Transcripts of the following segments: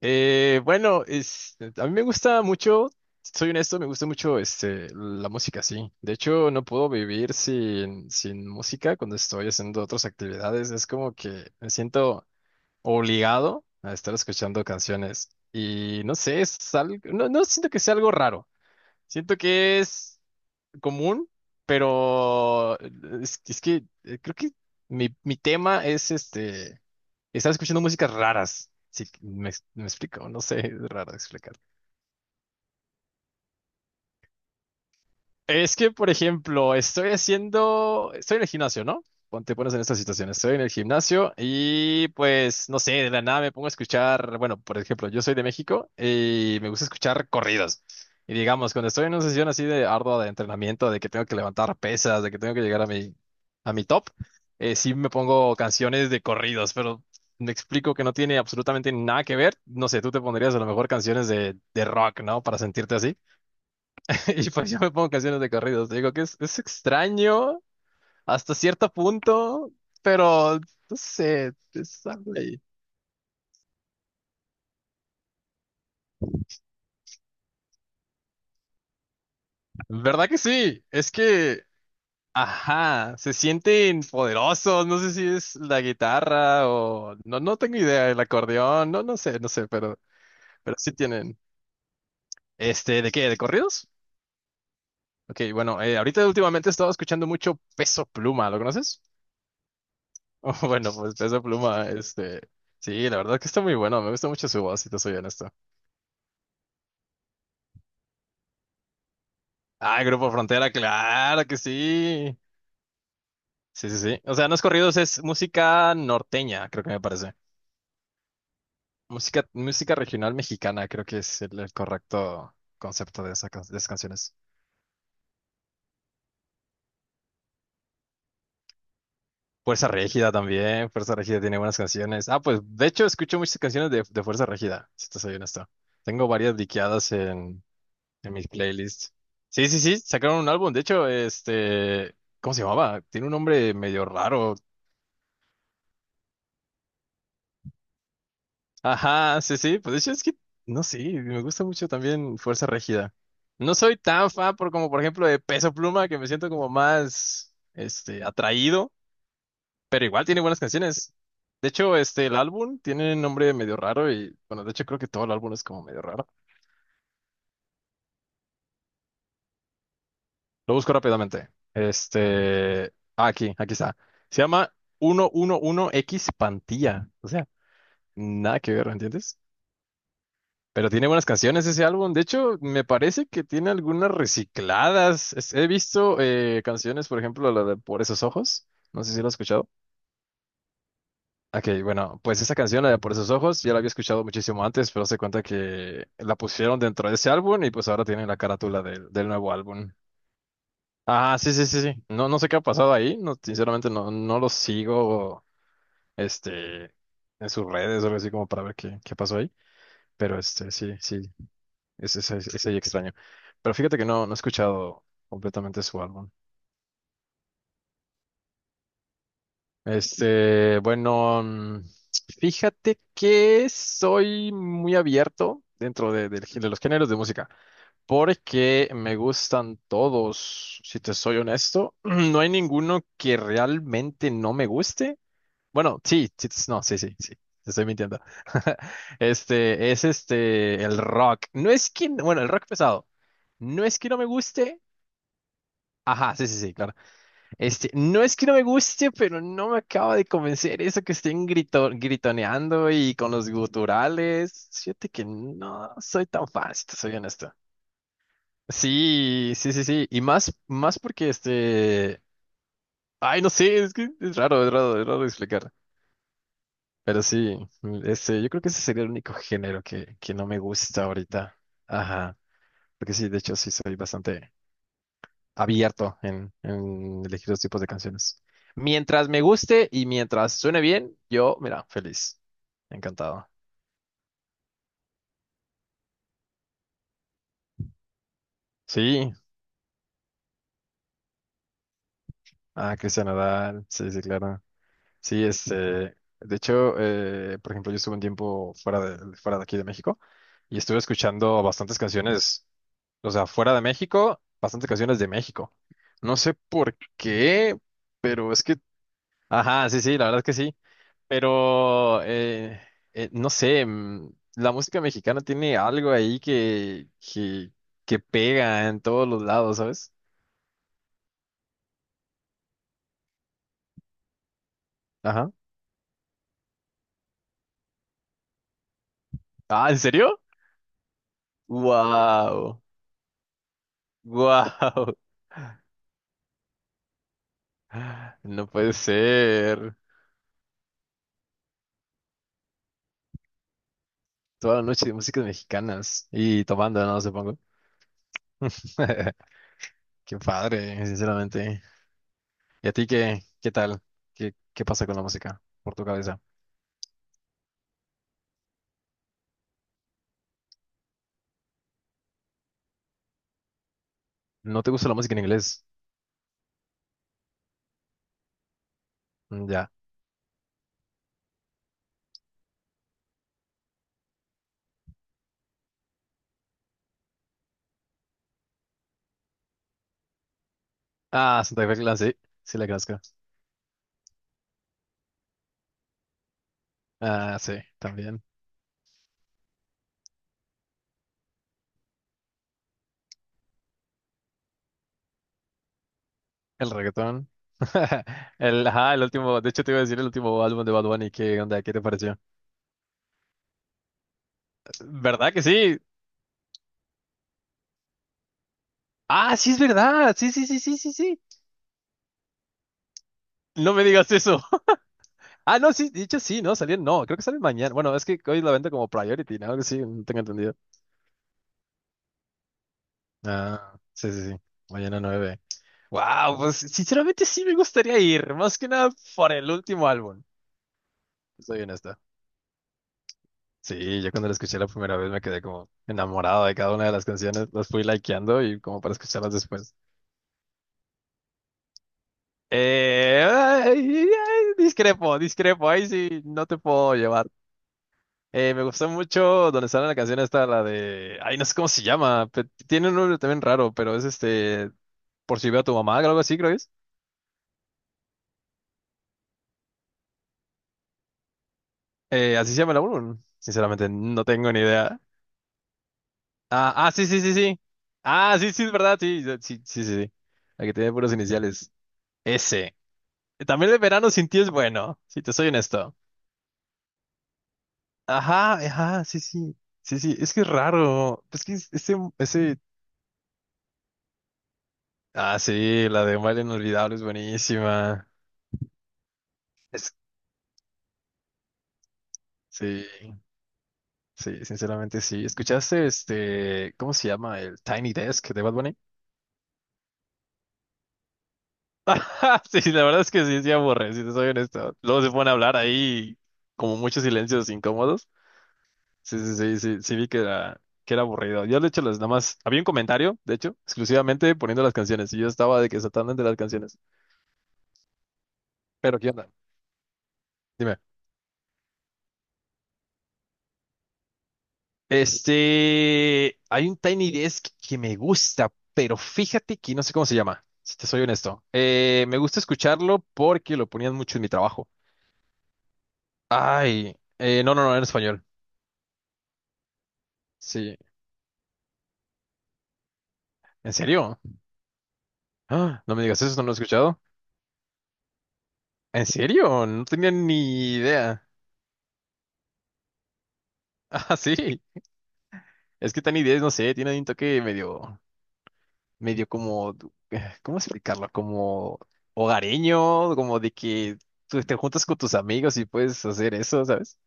Bueno, a mí me gusta mucho, soy honesto, me gusta mucho la música, sí. De hecho, no puedo vivir sin música cuando estoy haciendo otras actividades. Es como que me siento obligado a estar escuchando canciones. Y no sé, es algo, no, no siento que sea algo raro. Siento que es común, pero es que creo que mi tema es este. Estaba escuchando músicas raras. Sí, me explico, no sé, es raro explicar. Es que, por ejemplo, estoy en el gimnasio, ¿no? Te pones en esta situación, estoy en el gimnasio y pues, no sé, de la nada me pongo a escuchar, bueno, por ejemplo, yo soy de México y me gusta escuchar corridos. Y digamos, cuando estoy en una sesión así de ardua de entrenamiento, de que tengo que levantar pesas, de que tengo que llegar a mi top, sí me pongo canciones de corridos, pero me explico que no tiene absolutamente nada que ver. No sé, tú te pondrías a lo mejor canciones de rock, ¿no? Para sentirte así. Y pues yo me pongo canciones de corridos. Te digo que es extraño hasta cierto punto, pero no sé, es algo ahí. ¿Verdad que sí? Es que, ajá, se sienten poderosos. No sé si es la guitarra o no, no tengo idea, el acordeón, no, no sé, no sé, pero sí tienen. ¿De qué? ¿De corridos? Ok, bueno, ahorita últimamente he estado escuchando mucho Peso Pluma, ¿lo conoces? Bueno, pues Peso Pluma, sí, la verdad que está muy bueno, me gusta mucho su voz, si te soy honesto. Ah, Grupo Frontera, claro que sí. Sí, sí, sí. O sea, no es corridos, es música norteña, creo que me parece. Música regional mexicana, creo que es el correcto concepto de esas canciones. Fuerza Régida también, Fuerza Régida tiene buenas canciones. Ah, pues de hecho escucho muchas canciones de Fuerza Régida, si te soy honesto. Tengo varias diqueadas en mis playlists. Sí, sí, sí, sacaron un álbum, de hecho, ¿cómo se llamaba? Tiene un nombre medio raro. Ajá, sí, sí, pues de hecho es que, no sé, me gusta mucho también Fuerza Regida. No soy tan fan por como, por ejemplo, de Peso Pluma, que me siento como más, atraído, pero igual tiene buenas canciones. De hecho, el álbum tiene un nombre medio raro y, bueno, de hecho creo que todo el álbum es como medio raro. Lo busco rápidamente. Este, ah, aquí está. Se llama 111X Pantilla, o sea, nada que ver, ¿entiendes? Pero tiene buenas canciones ese álbum. De hecho, me parece que tiene algunas recicladas. He visto canciones, por ejemplo, la de Por esos ojos. No sé si lo has escuchado. Ok, bueno, pues esa canción, la de Por esos ojos, ya la había escuchado muchísimo antes, pero se cuenta que la pusieron dentro de ese álbum y pues ahora tiene la carátula del nuevo álbum. Ah, sí, sí, sí, sí. No, no sé qué ha pasado ahí. No, sinceramente no, no lo sigo, este, en sus redes o algo así como para ver qué pasó ahí. Pero sí, sí. Es ahí extraño. Pero fíjate que no, no he escuchado completamente su álbum. Bueno, fíjate que soy muy abierto dentro de los géneros de música, porque me gustan todos, si te soy honesto. No hay ninguno que realmente no me guste. Bueno, sí, sí, sí, no, sí, sí, sí, te estoy mintiendo. Es el rock. No es que, bueno, el rock pesado. No es que no me guste. Ajá, sí, sí, sí, claro. No es que no me guste, pero no me acaba de convencer eso que estén gritoneando y con los guturales. Fíjate que no soy tan fan, si te soy honesto. Sí, sí, sí, sí. Y más, más porque. Ay, no sé, es que es raro, es raro, es raro de explicar. Pero sí, yo creo que ese sería el único género que no me gusta ahorita. Ajá. Porque sí, de hecho, sí soy bastante abierto en elegir los tipos de canciones. Mientras me guste y mientras suene bien, yo, mira, feliz. Encantado. Sí, ah, Cristian Nadal, sí, sí, claro. Sí, de hecho, por ejemplo, yo estuve un tiempo fuera de aquí de México y estuve escuchando bastantes canciones, o sea, fuera de México, bastantes canciones de México. No sé por qué, pero es que, ajá, sí, sí, la verdad es que sí. Pero, no sé, la música mexicana tiene algo ahí que pega en todos los lados, ¿sabes? Ajá. Ah, ¿en serio? ¡Wow! ¡Wow! No puede ser. Toda la noche de músicas mexicanas y tomando, no supongo. Qué padre, sinceramente. ¿Y a ti qué tal? ¿Qué pasa con la música por tu cabeza? ¿No te gusta la música en inglés? Mm, ya. Ah, Santa Fe Clan, sí, sí la conozco. Ah, sí, también. El reggaetón. Ajá, el último, de hecho te iba a decir el último álbum de Bad Bunny, ¿qué onda? ¿Qué te pareció? ¿Verdad que sí? Ah, sí es verdad, sí, sí, sí, sí, sí, sí. No me digas eso. Ah, no, sí, de hecho sí, no, salían, no, creo que salen mañana. Bueno, es que hoy la venta como priority, ¿no? Que sí, no tengo entendido. Ah, sí, sí, sí, mañana 9. Wow, pues sinceramente sí me gustaría ir, más que nada por el último álbum, soy honesto. Sí, yo cuando la escuché la primera vez me quedé como enamorado de cada una de las canciones, las fui likeando y como para escucharlas después. Ay, ay, discrepo, discrepo, ahí sí no te puedo llevar. Me gustó mucho donde sale la canción esta, la de, ay, no sé cómo se llama, tiene un nombre también raro, pero es por si veo a tu mamá, algo así creo que es. Así se llama el álbum, sinceramente no tengo ni idea. Ah, ah, sí, sí, sí, sí. Ah, sí, sí, es verdad, sí, sí, sí, sí, sí. La que tiene puros iniciales. S. También el verano sin ti es bueno, si te soy honesto. Ajá, ajá, sí, sí. Sí, sí, es que es raro. Es que ese, ese. Ah, sí, la de Un baile inolvidable es buenísima. Es, sí, sí, sinceramente sí. ¿Escuchaste cómo se llama? El Tiny Desk de Bad Bunny. Ajá, sí, la verdad es que sí, sí aburre, si te soy honesto. Luego se ponen a hablar ahí, como muchos silencios incómodos. Sí, sí, sí, sí, sí vi que era aburrido. Yo, de hecho, las nada más, había un comentario, de hecho, exclusivamente poniendo las canciones, y yo estaba de que saltando entre las canciones. Pero, ¿qué onda? Dime. Hay un Tiny Desk que me gusta, pero fíjate que no sé cómo se llama, si te soy honesto. Me gusta escucharlo porque lo ponían mucho en mi trabajo. Ay, no, no, no, en español. Sí, ¿en serio? Ah, no me digas eso, no lo he escuchado. ¿En serio? No tenía ni idea. Ah, sí. Es que Tiny 10, no sé, tiene un toque medio, medio como, ¿cómo explicarlo? Como hogareño, como de que tú te juntas con tus amigos y puedes hacer eso, ¿sabes?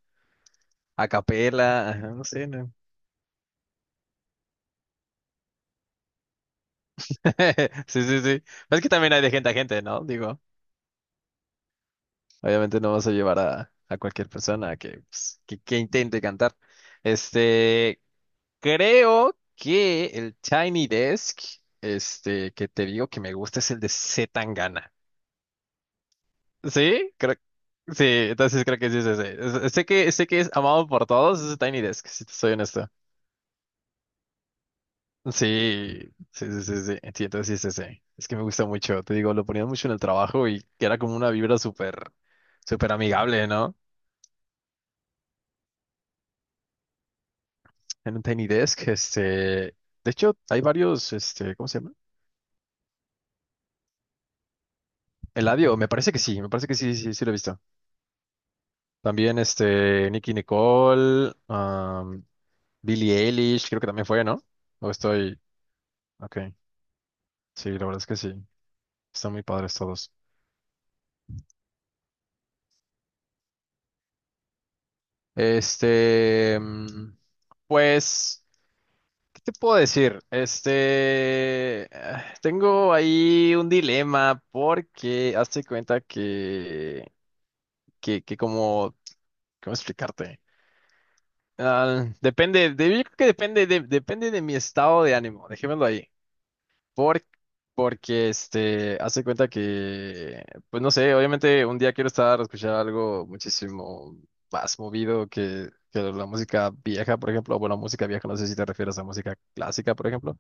A capela, ajá, no sé, ¿no? Sí, sí, sí. Es que también hay de gente a gente, ¿no? Digo, obviamente no vas a llevar a cualquier persona que, pues, que intente cantar. Este, Creo que el Tiny Desk, que te digo que me gusta es el de C. Sí, creo, sí, entonces creo que sí es ese. Sé que es amado por todos, es Tiny Desk, si te soy honesto. Sí, sí, sí, sí, sí, sí, entonces sí es ese. Es que me gusta mucho, te digo, lo ponían mucho en el trabajo y que era como una vibra súper, súper amigable, ¿no? En un Tiny Desk, de hecho, hay varios, ¿cómo se llama? Eladio, me parece que sí, me parece que sí, sí, sí lo he visto. También, Nicki Nicole, Billie Eilish, creo que también fue, ¿no? O estoy, ok, sí, la verdad es que sí. Están muy padres todos. Este, mm, pues, ¿qué te puedo decir? Ah, tengo ahí un dilema porque hazte cuenta que como, ¿cómo explicarte? Ah, depende, yo creo que depende de mi estado de ánimo, dejémoslo ahí. Por, Porque, hace cuenta que, pues no sé, obviamente un día quiero estar a escuchar algo muchísimo más movido que la música vieja, por ejemplo. Bueno, música vieja, no sé si te refieres a música clásica, por ejemplo.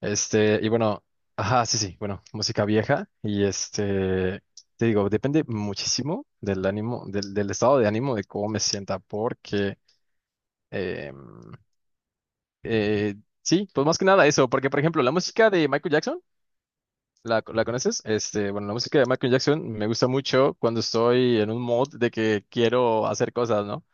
Y bueno, ajá, sí, sí, bueno, música vieja. Y te digo, depende muchísimo del ánimo, del estado de ánimo, de cómo me sienta, porque, em, eh, sí, pues más que nada eso, porque, por ejemplo, la música de Michael Jackson. ¿La conoces? Bueno, la música de Michael Jackson me gusta mucho cuando estoy en un mood de que quiero hacer cosas, ¿no?